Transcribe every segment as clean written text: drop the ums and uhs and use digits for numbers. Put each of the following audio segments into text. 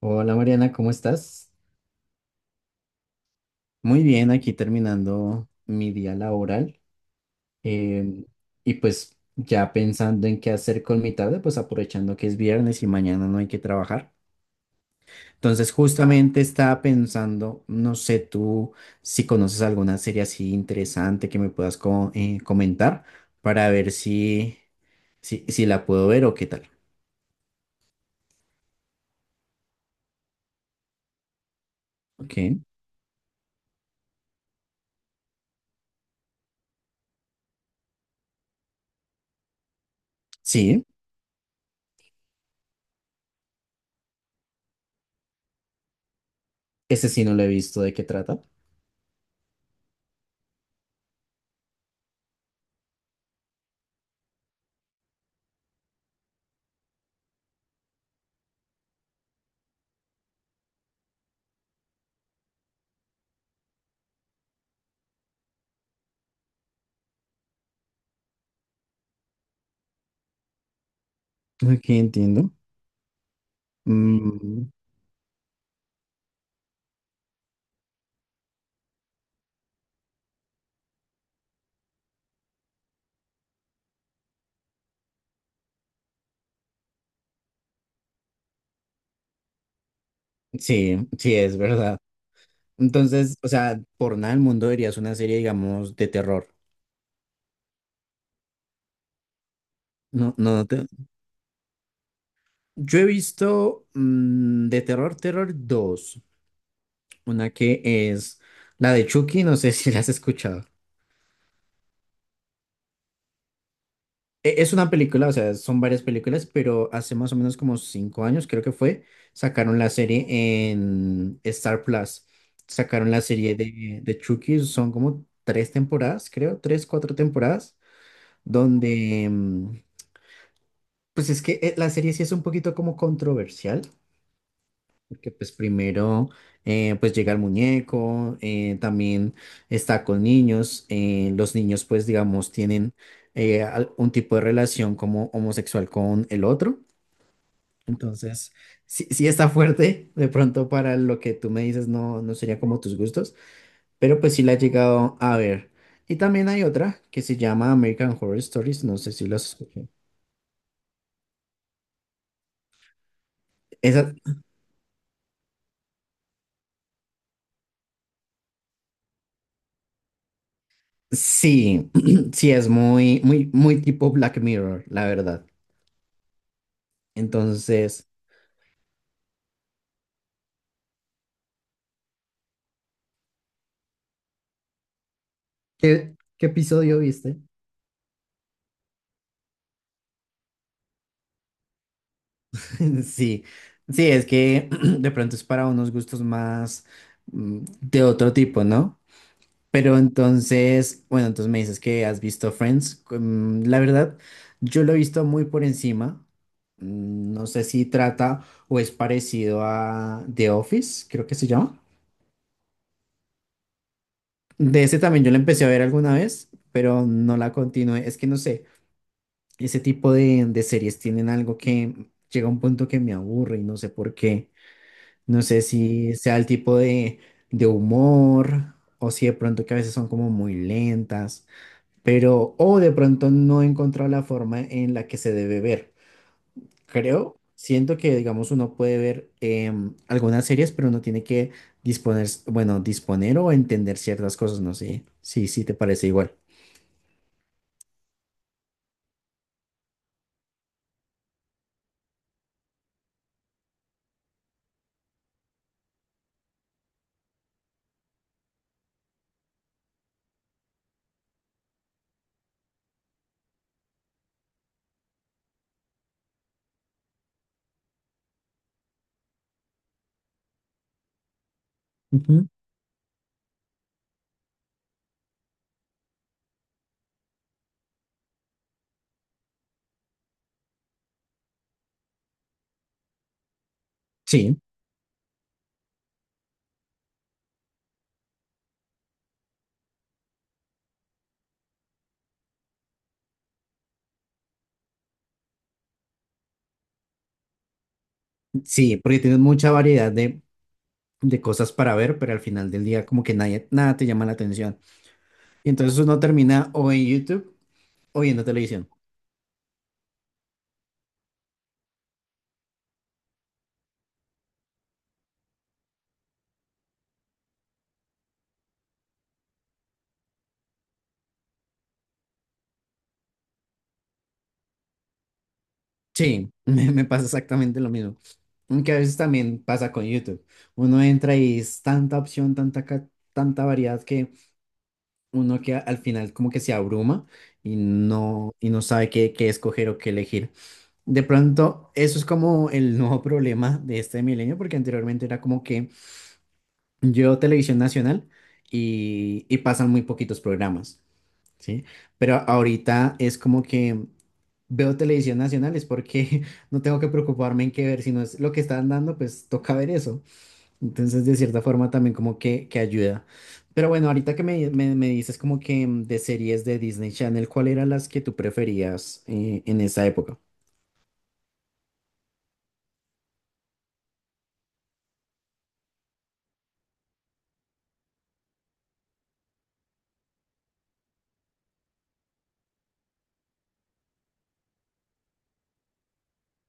Hola Mariana, ¿cómo estás? Muy bien, aquí terminando mi día laboral em, y pues ya pensando en qué hacer con mi tarde, pues aprovechando que es viernes y mañana no hay que trabajar. Entonces justamente estaba pensando, no sé tú si conoces alguna serie así interesante que me puedas comentar para ver si la puedo ver o qué tal. Ok, sí, ese sí no lo he visto, ¿de qué trata? Ok, entiendo. Mm, sí, sí, es verdad. Entonces, o sea, por nada del mundo verías una serie, digamos, de terror. No, no. Yo he visto de terror, terror dos. Una que es la de Chucky, no sé si la has escuchado. Es una película, o sea, son varias películas, pero hace más o menos como 5 años, creo que fue, sacaron la serie en Star Plus. Sacaron la serie de Chucky, son como tres temporadas, creo, tres, cuatro temporadas, donde, pues es que la serie sí es un poquito como controversial, que pues primero pues llega el muñeco, también está con niños, los niños pues digamos tienen un tipo de relación como homosexual con el otro, entonces sí, sí está fuerte, de pronto para lo que tú me dices no, no sería como tus gustos, pero pues sí la he llegado a ver. Y también hay otra que se llama American Horror Stories, no sé si las escuché. Esa sí, sí es muy, muy, muy tipo Black Mirror, la verdad. Entonces, ¿Qué episodio viste? sí, sí, es que de pronto es para unos gustos más de otro tipo, ¿no? Pero entonces, bueno, entonces me dices que has visto Friends. La verdad, yo lo he visto muy por encima. No sé si trata o es parecido a The Office, creo que se llama. De ese también yo la empecé a ver alguna vez, pero no la continué. Es que no sé. Ese tipo de series tienen algo que llega a un punto que me aburre y no sé por qué. No sé si sea el tipo de humor o si de pronto que a veces son como muy lentas, pero o de pronto no he encontrado la forma en la que se debe ver. Creo, siento que digamos uno puede ver algunas series, pero uno tiene que disponer, bueno, disponer o entender ciertas cosas, no sé. Sí, sí, te parece igual. Ujú. Sí, sí, porque tienes mucha variedad de cosas para ver, pero al final del día como que nadie, nada te llama la atención. Y entonces uno termina o en YouTube o viendo televisión. Sí, me pasa exactamente lo mismo. Aunque a veces también pasa con YouTube. Uno entra y es tanta opción, tanta variedad que uno que al final como que se abruma y no sabe qué escoger o qué elegir. De pronto, eso es como el nuevo problema de este milenio, porque anteriormente era como que yo Televisión Nacional y pasan muy poquitos programas, ¿sí? Pero ahorita es como que veo Televisión Nacional es porque no tengo que preocuparme en qué ver, si no es lo que están dando, pues toca ver eso. Entonces, de cierta forma también como que ayuda. Pero bueno, ahorita que me dices como que de series de Disney Channel, ¿cuál eran las que tú preferías en esa época?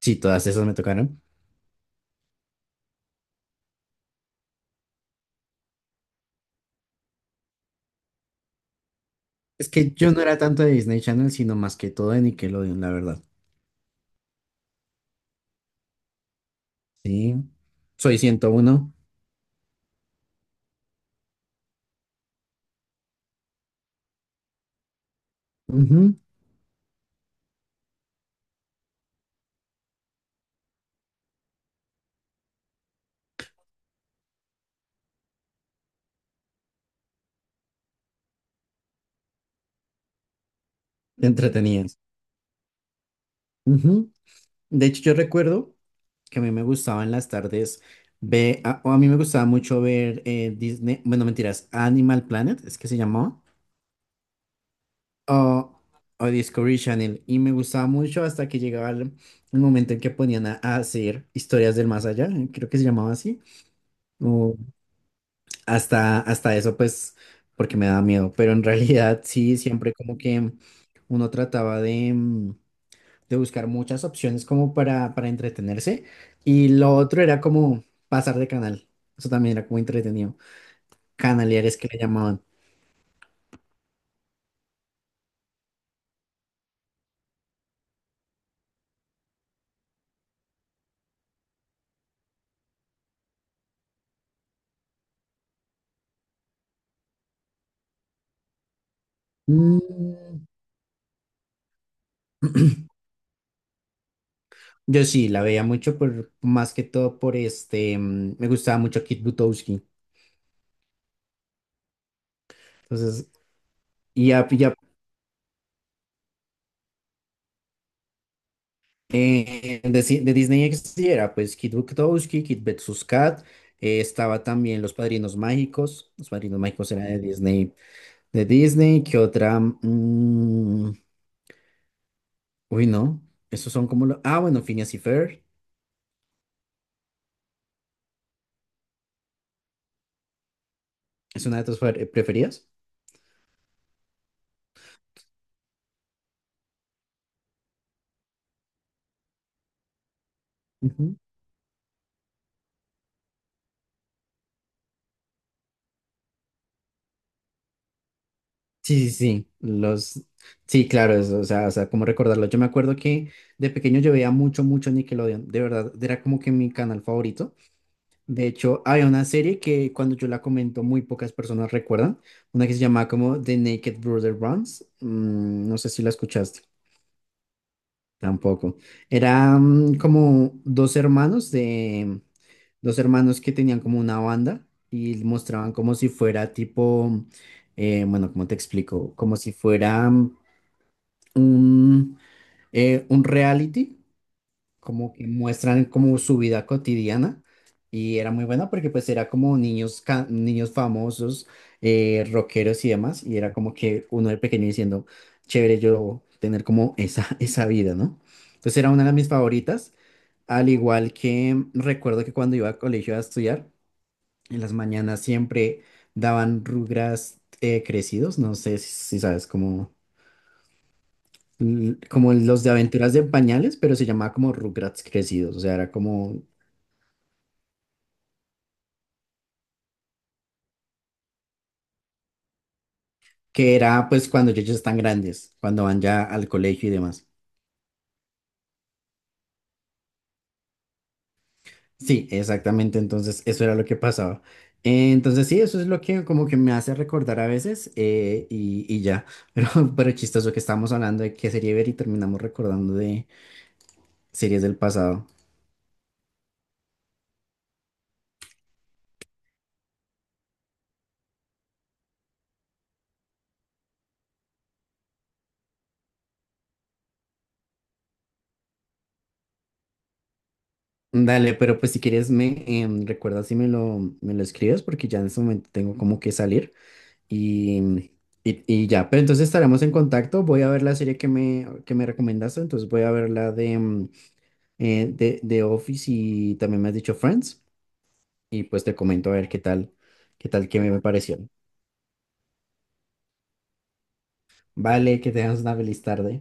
Sí, todas esas me tocaron. Es que yo no era tanto de Disney Channel, sino más que todo de Nickelodeon, la verdad. Sí, soy 101. Ujú, Entretenidas. Ujú. De hecho, yo recuerdo que a mí me gustaba en las tardes ver, o a mí me gustaba mucho ver Disney, bueno, mentiras, Animal Planet, es que se llamaba, o, o Discovery Channel, y me gustaba mucho hasta que llegaba el momento en que ponían a hacer historias del más allá, creo que se llamaba así, o hasta eso, pues, porque me daba miedo, pero en realidad sí, siempre como que uno trataba de buscar muchas opciones como para entretenerse. Y lo otro era como pasar de canal. Eso también era como entretenido. Canaleares que le llamaban. Mm, yo sí, la veía mucho más que todo por este, me gustaba mucho Kit Butowski. Entonces, y ya, ya de Disney XD era pues Kit Butowski, Kit vs. Kat. Estaba también Los Padrinos Mágicos. Los Padrinos Mágicos era de Disney. De Disney, ¿qué otra? Mm, uy, no. Esos son como los. Ah, bueno, Phineas y Ferb. ¿Es una de tus preferidas? Ujú. Sí, sí, sí. Los. Sí, claro, o sea, cómo recordarlo. Yo me acuerdo que de pequeño yo veía mucho, mucho Nickelodeon. De verdad, era como que mi canal favorito. De hecho, había una serie que cuando yo la comento, muy pocas personas recuerdan. Una que se llamaba como The Naked Brother Runs. No sé si la escuchaste. Tampoco. Eran como dos hermanos que tenían como una banda y mostraban como si fuera tipo, bueno, ¿cómo te explico? Como si fuera un, un reality, como que muestran como su vida cotidiana y era muy buena porque pues era como niños, niños famosos, rockeros y demás y era como que uno de pequeño diciendo, chévere yo tener como esa, esa vida, ¿no? Entonces era una de mis favoritas, al igual que recuerdo que cuando iba al colegio a estudiar, en las mañanas siempre daban Rugrats crecidos, no sé si sabes cómo como los de aventuras de pañales, pero se llamaba como Rugrats crecidos, o sea, era como que era pues cuando ellos ya están grandes, cuando van ya al colegio y demás. Sí, exactamente, entonces eso era lo que pasaba. Entonces sí, eso es lo que como que me hace recordar a veces y ya, pero, pero chistoso que estábamos hablando de qué serie ver y terminamos recordando de series del pasado. Dale, pero pues si quieres me recuerda si me lo escribes porque ya en este momento tengo como que salir y, y ya, pero entonces estaremos en contacto. Voy a ver la serie que me recomendaste, entonces voy a ver la de Office y también me has dicho Friends. Y pues te comento a ver qué tal, qué me pareció. Vale, que tengas una feliz tarde.